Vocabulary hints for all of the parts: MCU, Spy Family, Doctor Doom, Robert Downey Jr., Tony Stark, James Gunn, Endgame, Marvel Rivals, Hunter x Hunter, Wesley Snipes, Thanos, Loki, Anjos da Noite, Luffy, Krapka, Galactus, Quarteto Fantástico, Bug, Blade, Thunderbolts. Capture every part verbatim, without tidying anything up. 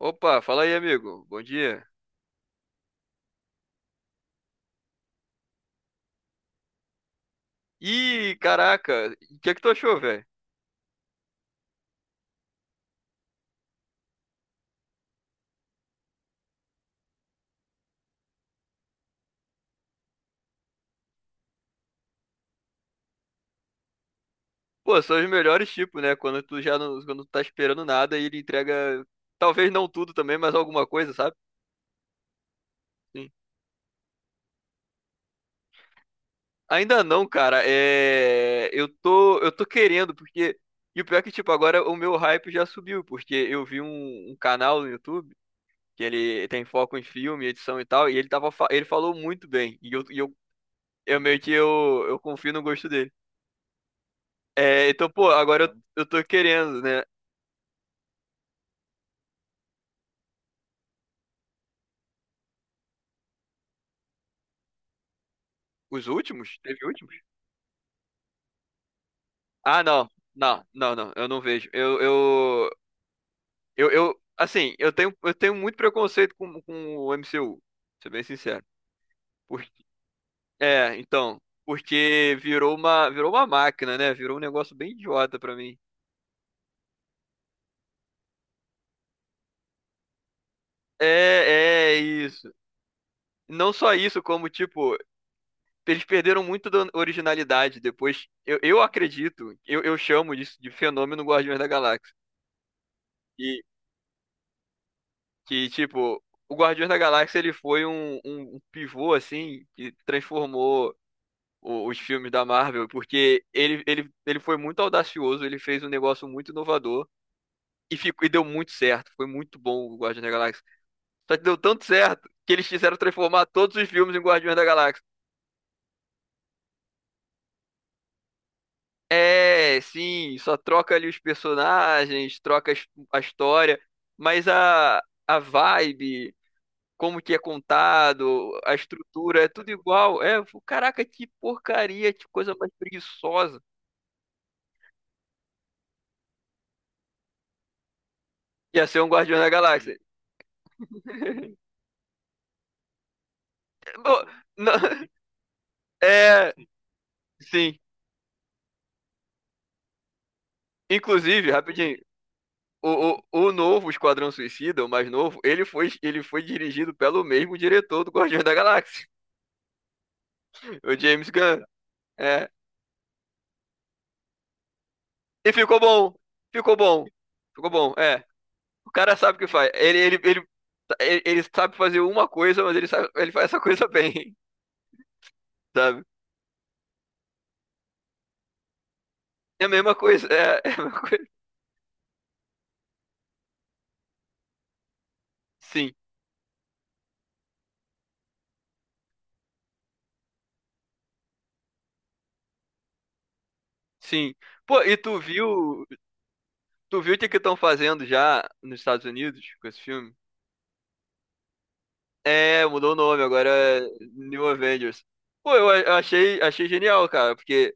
Opa, fala aí, amigo. Bom dia. Ih, caraca, o que é que tu achou, velho? Pô, são os melhores tipos, né? Quando tu já não, quando tu tá esperando nada e ele entrega, talvez não tudo também, mas alguma coisa, sabe? Sim. Ainda não, cara. É, eu tô, eu tô querendo porque e o pior é que tipo agora o meu hype já subiu, porque eu vi um, um canal no YouTube que ele tem foco em filme, edição e tal, e ele tava, fa- ele falou muito bem. E eu, e eu, eu meio que eu, eu confio no gosto dele. É, então, pô, agora eu, eu tô querendo, né? Os últimos? Teve últimos? Ah, não. Não, não, não. Eu não vejo. Eu, eu, eu, eu assim, eu tenho, eu tenho muito preconceito com, com o M C U, pra ser bem sincero. Por- é, então, porque virou uma, virou uma máquina, né? Virou um negócio bem idiota pra mim. É, é isso. Não só isso, como, tipo, eles perderam muito da originalidade depois. Eu, eu acredito, eu, eu chamo disso de fenômeno Guardiões da Galáxia. Que, tipo, o Guardiões da Galáxia ele foi um, um- um pivô, assim, que transformou o- os filmes da Marvel, porque ele, ele, ele foi muito audacioso, ele fez um negócio muito inovador e, ficou, e deu muito certo. Foi muito bom o Guardiões da Galáxia. Só que deu tanto certo que eles quiseram transformar todos os filmes em Guardiões da Galáxia. É, sim, só troca ali os personagens, troca as- a história, mas a, a vibe. Como que é contado, a estrutura, é tudo igual. É, eu falo, caraca, que porcaria, que coisa mais preguiçosa. Ia ser um Guardião da Galáxia. Bom, não- é, sim. Inclusive, rapidinho, o, o, o novo Esquadrão Suicida, o mais novo, ele foi, ele foi dirigido pelo mesmo diretor do Guardião da Galáxia, o James Gunn. É. E ficou bom, ficou bom, ficou bom, é. O cara sabe o que faz. Ele, ele, ele, ele, ele sabe fazer uma coisa, mas ele sabe, ele faz essa coisa bem, sabe? É a mesma coisa, é, é a mesma coisa. Sim, sim. Pô, e tu viu, tu viu o que que estão fazendo já nos Estados Unidos com esse filme? É, mudou o nome, agora é New Avengers. Pô, eu, a- achei, achei genial, cara, porque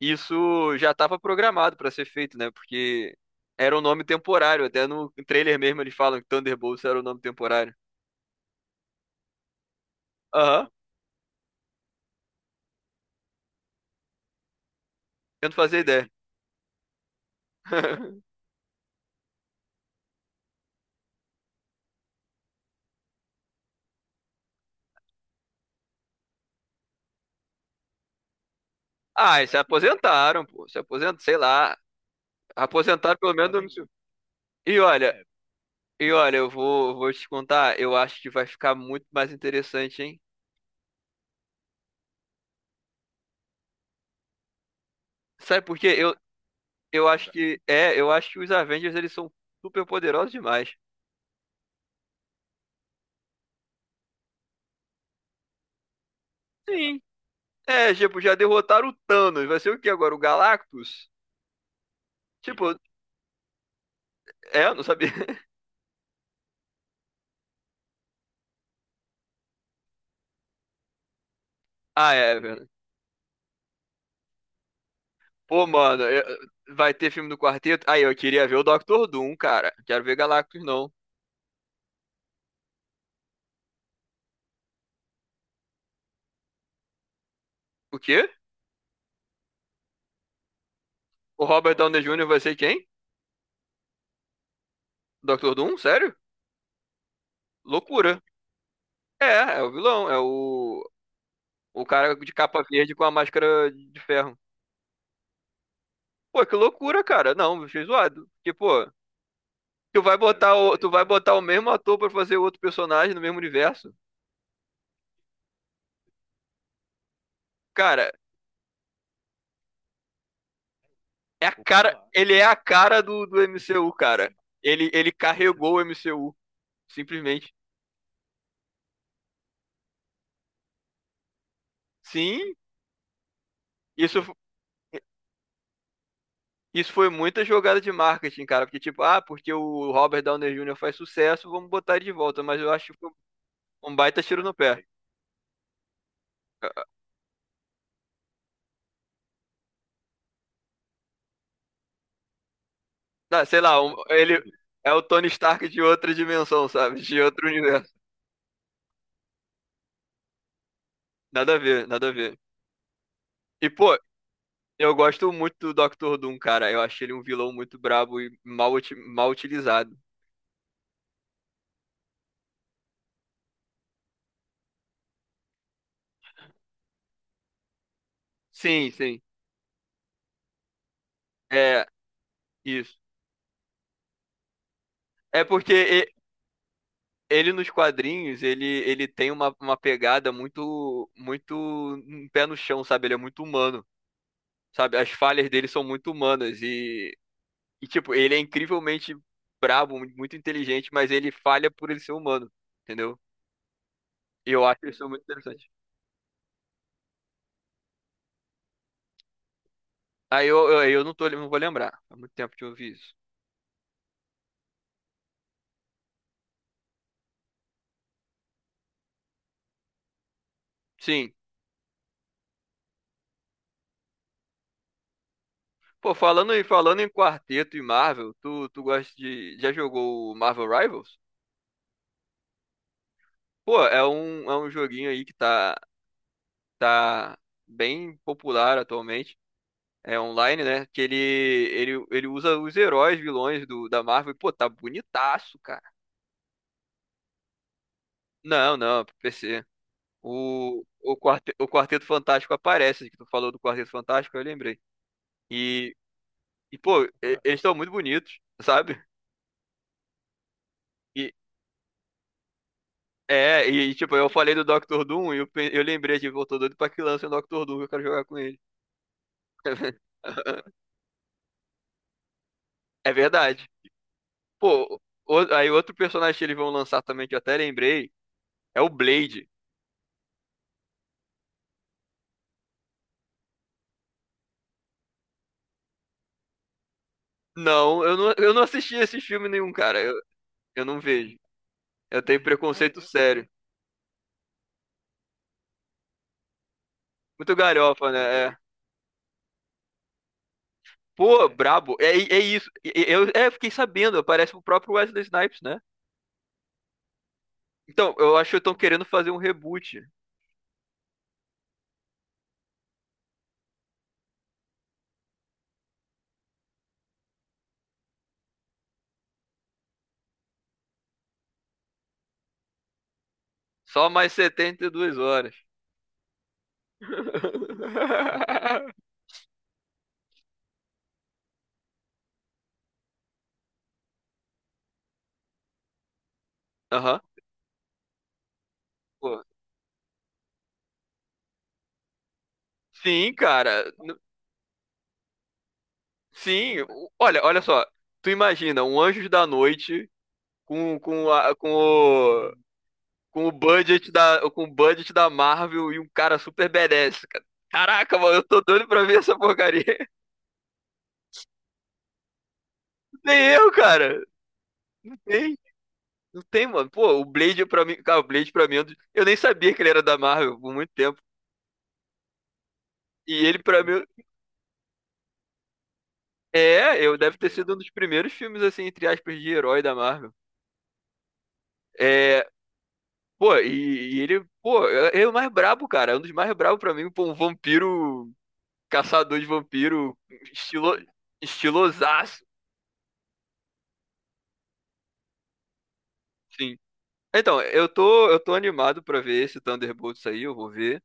isso já estava programado para ser feito, né? Porque era um nome temporário, até no trailer mesmo eles falam que Thunderbolts era o nome temporário. Aham, eu não fazia ideia. Ah, e se aposentaram, pô, se aposentaram, sei lá, aposentaram pelo menos. no- E olha, E olha, eu vou, vou te contar, eu acho que vai ficar muito mais interessante, hein? Sabe por quê? Eu, eu acho que, é, eu acho que os Avengers, eles são super poderosos demais. Sim. É, tipo, já derrotaram o Thanos, vai ser o que agora? O Galactus? Tipo, é, eu não sabia. Ah, é, velho. Pô, mano, eu- vai ter filme do Quarteto? Aí, eu queria ver o Doctor Doom, cara. Quero ver Galactus, não. O quê? O Robert Downey júnior vai ser quem? Doctor Doom? Sério? Loucura. É, é o vilão. é o O cara de capa verde com a máscara de ferro. Pô, que loucura, cara. Não, achei zoado. Porque, pô, tu vai botar o, tu vai botar o mesmo ator pra fazer outro personagem no mesmo universo. Cara, é a cara, ele é a cara do, do M C U, cara. Ele, ele carregou o M C U, simplesmente. Sim, isso, isso, foi muita jogada de marketing, cara. Porque, tipo, ah, porque o Robert Downey júnior faz sucesso, vamos botar ele de volta. Mas eu acho que foi um baita tiro no pé. Ah, sei lá, um- ele é o Tony Stark de outra dimensão, sabe? De outro universo. Nada a ver, nada a ver. E, pô, eu gosto muito do Doctor Doom, cara. Eu achei ele um vilão muito brabo e mal, uti- mal utilizado. Sim, sim. É, isso. É porque e- ele nos quadrinhos, ele, ele tem uma, uma pegada muito, muito um pé no chão, sabe? Ele é muito humano, sabe? As falhas dele são muito humanas e E, tipo, ele é incrivelmente brabo, muito inteligente, mas ele falha por ele ser humano, entendeu? E eu acho isso muito interessante. Aí eu, eu, eu não tô, não vou lembrar. Há muito tempo que eu ouvi isso. Sim. Pô, falando em, falando em quarteto e Marvel, tu, tu gosta de. Já jogou o Marvel Rivals? Pô, é um, é um joguinho aí que tá, tá bem popular atualmente. É online, né? Que ele, ele, ele usa os heróis, vilões do, da Marvel. E, pô, tá bonitaço, cara. Não, não, pro P C. O, o, quarte, o Quarteto Fantástico aparece, que tu falou do Quarteto Fantástico, eu lembrei. E, e Pô, e- eles estão muito bonitos, sabe? E, é, e tipo, eu falei do Doctor Doom e eu, pe- eu lembrei de, pô, tô doido pra que lance o Doctor Doom, que eu quero jogar com ele. É verdade. Pô, o- aí outro personagem que eles vão lançar também, que eu até lembrei, é o Blade. Não, eu não, eu não assisti esse filme nenhum, cara. Eu, eu não vejo. Eu tenho preconceito sério. Muito galhofa, né? É. Pô, brabo. É, é isso. Eu, é, fiquei sabendo, aparece o próprio Wesley Snipes, né? Então, eu acho que estão querendo fazer um reboot. Só mais setenta e duas horas. Aham. Pô. Sim, cara. N- Sim. O- Olha, olha só. Tu imagina um Anjos da Noite com, com, a, com o, com o budget da, com o budget da Marvel e um cara super badass, cara. Caraca, mano, eu tô doido pra ver essa porcaria. Nem eu, cara. Nem Não tem, mano. Pô, o Blade pra mim. Cara, o Blade pra mim. é um dos- Eu nem sabia que ele era da Marvel por muito tempo. E ele pra mim. É, eu deve ter sido um dos primeiros filmes, assim, entre aspas, de herói da Marvel. É. Pô, e, e ele. Pô, é, é o mais brabo, cara. É um dos mais brabos pra mim. Pô, um vampiro. Caçador de vampiro. Estilo, estilosaço. Sim. Então, eu tô, eu tô animado pra ver esse Thunderbolts aí. Eu vou ver.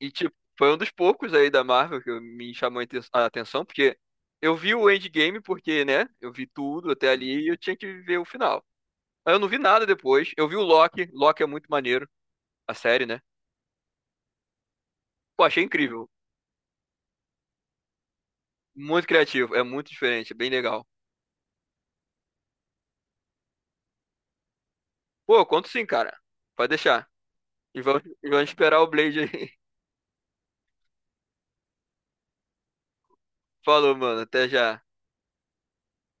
E, tipo, foi um dos poucos aí da Marvel que me chamou a inten- a atenção, porque eu vi o Endgame porque, né, eu vi tudo até ali e eu tinha que ver o final. Aí eu não vi nada depois. Eu vi o Loki. Loki é muito maneiro, a série, né? Pô, achei incrível. Muito criativo, é muito diferente, é bem legal. Pô, eu conto sim, cara. Pode deixar. E vamos, e vamos esperar o Blade aí. Falou, mano. Até já.